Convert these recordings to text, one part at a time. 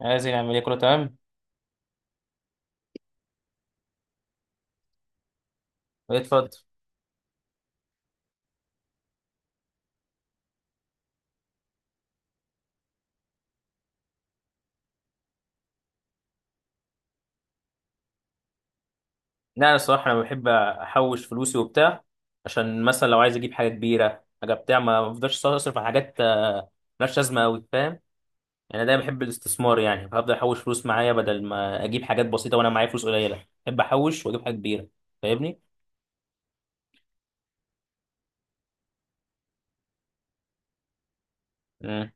عايزين نعمل ايه؟ كله تمام. إيه، اتفضل. لا، انا الصراحه انا بحب احوش فلوسي وبتاع. عشان مثلا لو عايز اجيب حاجه كبيره حاجه بتاع، ما بفضلش اصرف على حاجات ملهاش لازمه قوي. فاهم؟ يعني دايما بحب الاستثمار، يعني هفضل احوش فلوس معايا بدل ما اجيب حاجات بسيطه وانا معايا فلوس قليله، بحب احوش واجيب حاجه كبيره. فاهمني؟ مم.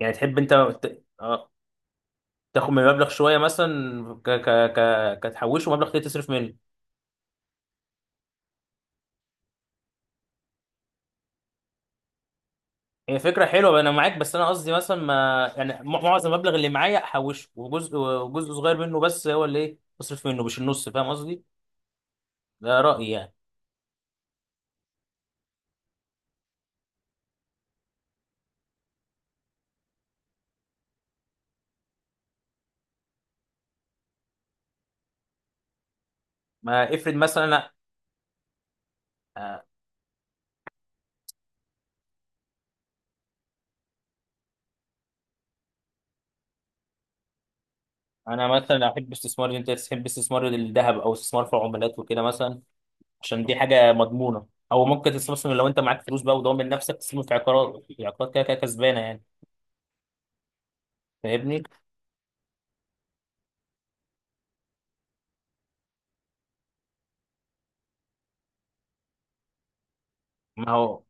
يعني تحب انت تاخد من المبلغ شويه، مثلا ك ك ك كتحوشه مبلغ تاني تصرف منه. هي فكرة حلوة بقى، أنا معاك، بس أنا قصدي مثلا ما يعني معظم المبلغ اللي معايا أحوشه، وجزء صغير منه بس هو اللي إيه أصرف منه، مش النص. فاهم قصدي؟ ده رأيي يعني. ما افرض مثلا أنا آه، أنا مثلا أحب استثمار، أنت تحب استثمار الذهب أو استثمار في العملات وكده مثلا، عشان دي حاجة مضمونة. أو ممكن تستثمر لو أنت معاك فلوس بقى وضامن نفسك، تستثمر في عقارات كده كده كسبانة يعني. فاهمني؟ ما هو،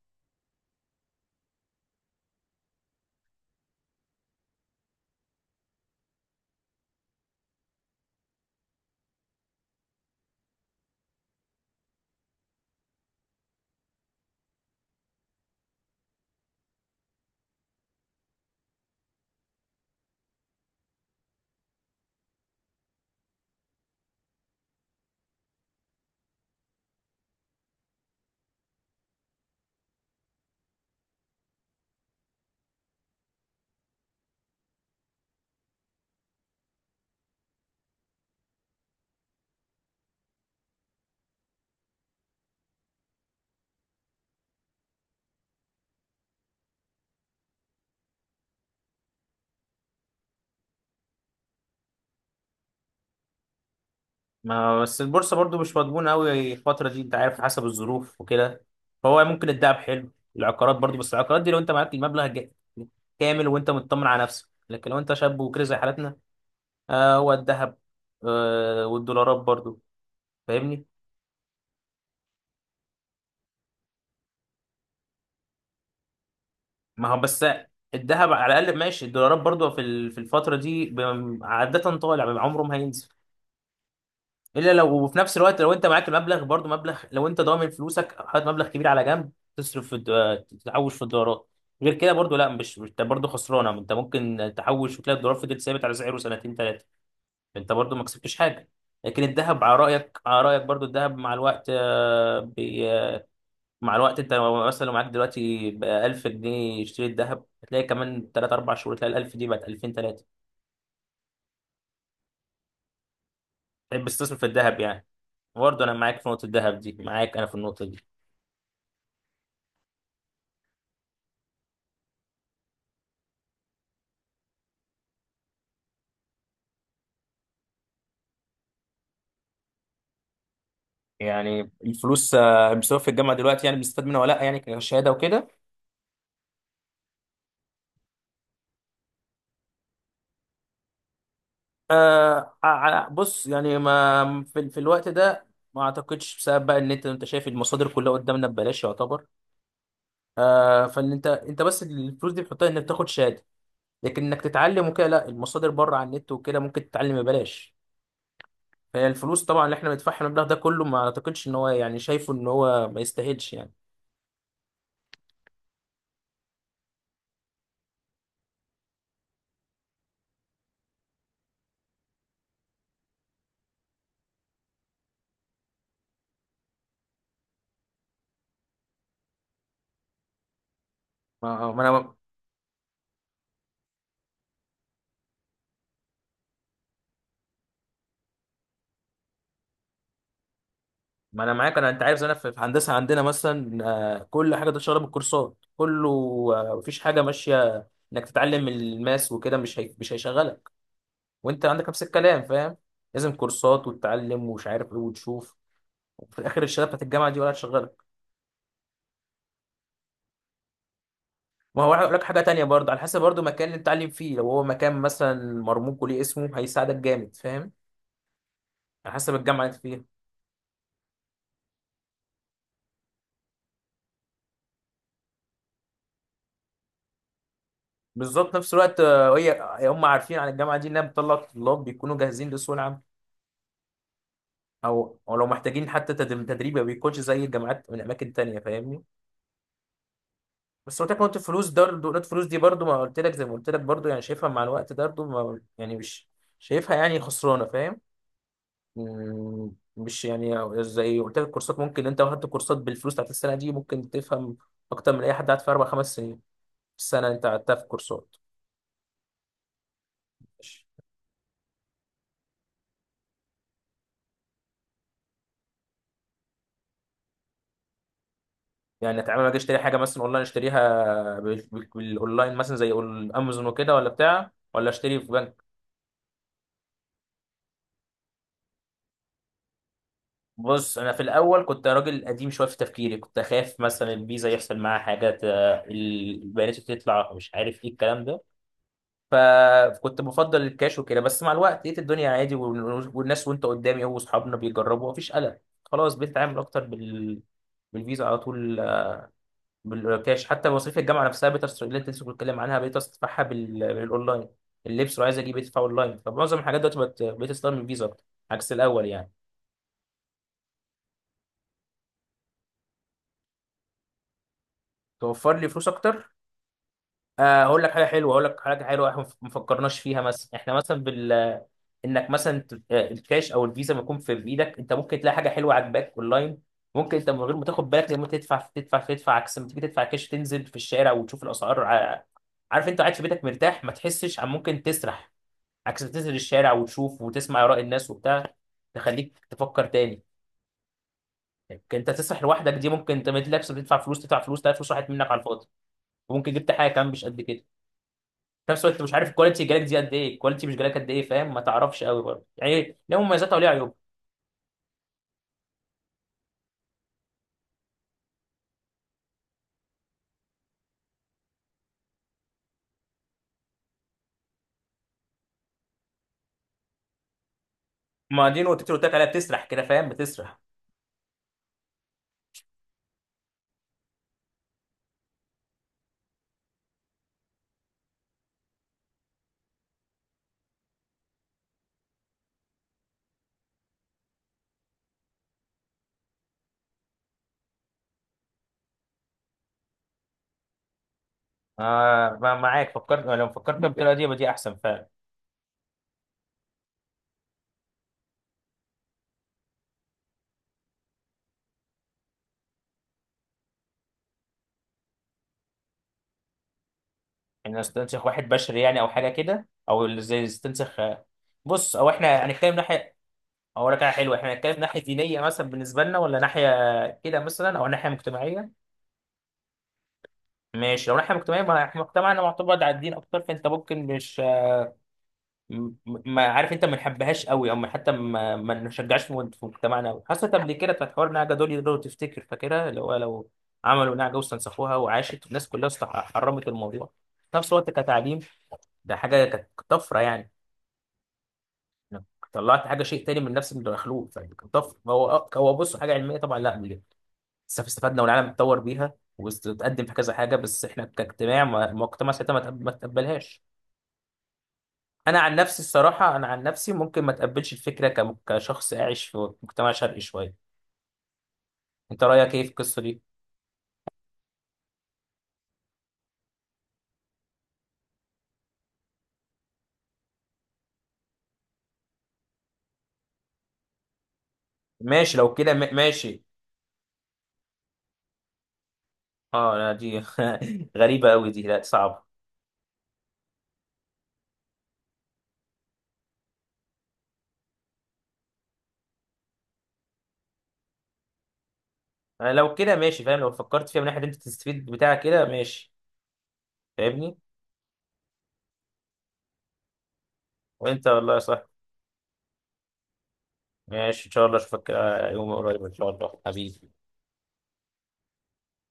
ما بس البورصة برضو مش مضمونة أوي الفترة دي، أنت عارف حسب الظروف وكده. فهو ممكن الدهب حلو، العقارات برضو، بس العقارات دي لو أنت معاك المبلغ كامل وأنت مطمن على نفسك، لكن لو أنت شاب وكده زي حالتنا، هو الدهب، والدولارات برضو. فاهمني؟ ما هو بس الدهب على الأقل ماشي، الدولارات برضو في في الفترة دي عادة طالع، عمره ما هينزل، الا لو. وفي نفس الوقت لو انت معاك المبلغ، برضو مبلغ، لو انت ضامن فلوسك حاطط مبلغ كبير على جنب، تصرف في تحوش في الدولارات. غير كده برضو لا، انت برضو خسرانه، انت ممكن تحوش وتلاقي الدولار فضل ثابت على سعره سنتين ثلاثه، انت برضو ما كسبتش حاجه. لكن الذهب، على رايك برضو، الذهب مع الوقت انت لو مثلا، لو معاك دلوقتي بقى 1000 جنيه يشتري الذهب، هتلاقي كمان 3 4 شهور تلاقي ال 1000 دي بقت 2000 3. تحب تستثمر في الذهب يعني؟ برضه انا معاك في نقطه الذهب دي، معاك انا في النقطه دي. يعني الفلوس المصروف في الجامعه دلوقتي، يعني بنستفاد منها ولا لا، يعني كشهاده وكده؟ آه. على، بص يعني ما في, الوقت ده ما اعتقدش. بسبب بقى ان انت شايف المصادر كلها قدامنا ببلاش يعتبر، فان انت بس، الفلوس دي بتحطها انك تاخد شهاده. لكن انك تتعلم وكده لا، المصادر بره على النت وكده ممكن تتعلم ببلاش. فهي الفلوس طبعا اللي احنا بندفعها، المبلغ ده كله، ما اعتقدش ان هو يعني، شايفه ان هو ما يستاهلش يعني. ما ما انا، ما انا معاك، انا انت عارف، زي انا في هندسه عندنا مثلا. كل حاجه ده شغاله بالكورسات كله. مفيش حاجه ماشيه انك تتعلم الماس وكده. مش هيشغلك. وانت عندك نفس الكلام، فاهم؟ لازم كورسات وتتعلم ومش عارف ايه وتشوف. وفي الاخر الشهاده بتاعت الجامعه دي ولا هتشغلك؟ ما هو هقول لك حاجه تانية، برضه على حسب برضه المكان اللي بتتعلم فيه، لو هو مكان مثلا مرموق وليه اسمه هيساعدك جامد. فاهم؟ على حسب الجامعه اللي انت فيها. بالظبط، نفس الوقت هم عارفين عن الجامعه دي انها بتطلع طلاب بيكونوا جاهزين لسوق العمل، او لو محتاجين حتى تدريب، ما بيكونش زي الجامعات من اماكن تانية. فاهمني؟ بس قلت لك نقطة الفلوس ده، نقطة الفلوس دي برضو ما قلت لك، زي ما قلت لك برضو، يعني شايفها مع الوقت ده برضو، ما يعني، مش شايفها يعني خسرانة. فاهم؟ مم، مش يعني، زي قلت لك، كورسات ممكن انت واخدت كورسات بالفلوس بتاعت السنة دي، ممكن تفهم اكتر من اي حد قعد في اربع خمس سنين في السنة انت قعدتها في كورسات. يعني اتعامل، اجي اشتري حاجة مثلا اونلاين، اشتريها بالاونلاين مثلا زي امازون وكده ولا بتاع، ولا اشتري في بنك؟ بص، انا في الاول كنت راجل قديم شويه في تفكيري، كنت اخاف مثلا الفيزا يحصل معاها حاجه البيانات تطلع، مش عارف ايه الكلام ده. فكنت بفضل الكاش وكده. بس مع الوقت لقيت الدنيا عادي، والناس وانت قدامي هو واصحابنا بيجربوا، مفيش قلق. خلاص بقيت اتعامل اكتر بالفيزا على طول بالكاش. حتى مصاريف الجامعه نفسها بقيت اللي انت لسه بتتكلم عنها بقيت ادفعها بالاونلاين. اللبس لو عايز اجيب بقيت ادفعه اونلاين. فمعظم الحاجات دلوقتي بقيت استخدم الفيزا اكتر، عكس الاول يعني. توفر لي فلوس اكتر؟ هقول لك حاجه حلوه، احنا ما فكرناش فيها. مثلا احنا مثلا انك مثلا الكاش او الفيزا ما يكون في ايدك، انت ممكن تلاقي حاجه حلوه عاجباك اونلاين. ممكن انت من غير ما تاخد بالك لما تدفع تدفع تدفع، عكس ما تيجي تدفع كاش تنزل في الشارع وتشوف الاسعار. عارف، انت قاعد في بيتك مرتاح ما تحسش، عن ممكن تسرح. عكس ما تنزل الشارع وتشوف وتسمع اراء الناس وبتاع، تخليك تفكر تاني. لكن انت تسرح لوحدك دي ممكن انت ما تلاقيش، بتدفع فلوس تدفع فلوس، تلاقي فلوس راحت منك على الفاضي. وممكن جبت حاجه كمان مش قد كده. في نفس الوقت مش عارف الكواليتي جالك دي قد ايه، الكواليتي مش جالك قد ايه، فاهم؟ ما تعرفش قوي برضه، يعني ليه مميزاتها وليه عيوبها. ما دي نقطتي اللي قلت لك عليها، بتسرح كده، فاهم؟ بتسرح. معاك، لو فكرت بالطريقه دي يبقى دي احسن فعلا. ان استنسخ واحد بشري يعني، او حاجه كده، او زي استنسخ بص، او احنا هنتكلم ناحيه. اقول لك حاجه حلوه، احنا هنتكلم ناحيه دينيه مثلا بالنسبه لنا، ولا ناحيه كده مثلا، او ناحيه مجتمعيه؟ ماشي، لو ناحيه مجتمعيه، ما احنا مجتمعنا معتمد على الدين اكتر، فانت ممكن مش م- ما عارف، انت ما نحبهاش قوي، او حتى ما نشجعش في في مجتمعنا قوي. حصلت قبل كده بتاعت حوار النعجه دول، لو تفتكر، فاكرها، اللي هو لو عملوا نعجه واستنسخوها وعاشت، الناس كلها حرمت الموضوع. في نفس الوقت كتعليم ده حاجه كانت طفره يعني، انك طلعت حاجه شيء تاني من نفس المخلوق، فكانت طفره. هو هو بص حاجه علميه طبعا، لا بجد. بس استفدنا والعالم اتطور بيها وتقدم في كذا حاجه. بس احنا كاجتماع ما- مجتمع ساعتها ما تقبلهاش. انا عن نفسي ممكن ما تقبلش الفكره كشخص عايش في مجتمع شرقي شويه. انت رايك ايه في القصه دي؟ ماشي، لو كده ماشي. اه، لا دي غريبه قوي، دي لا صعبه. أنا لو كده ماشي، فاهم؟ لو فكرت فيها من ناحيه انت تستفيد بتاع كده، ماشي. فاهمني؟ وانت والله صح. ماشي، ان شاء الله اشوفك يوم قريب ان شاء الله، حبيبي.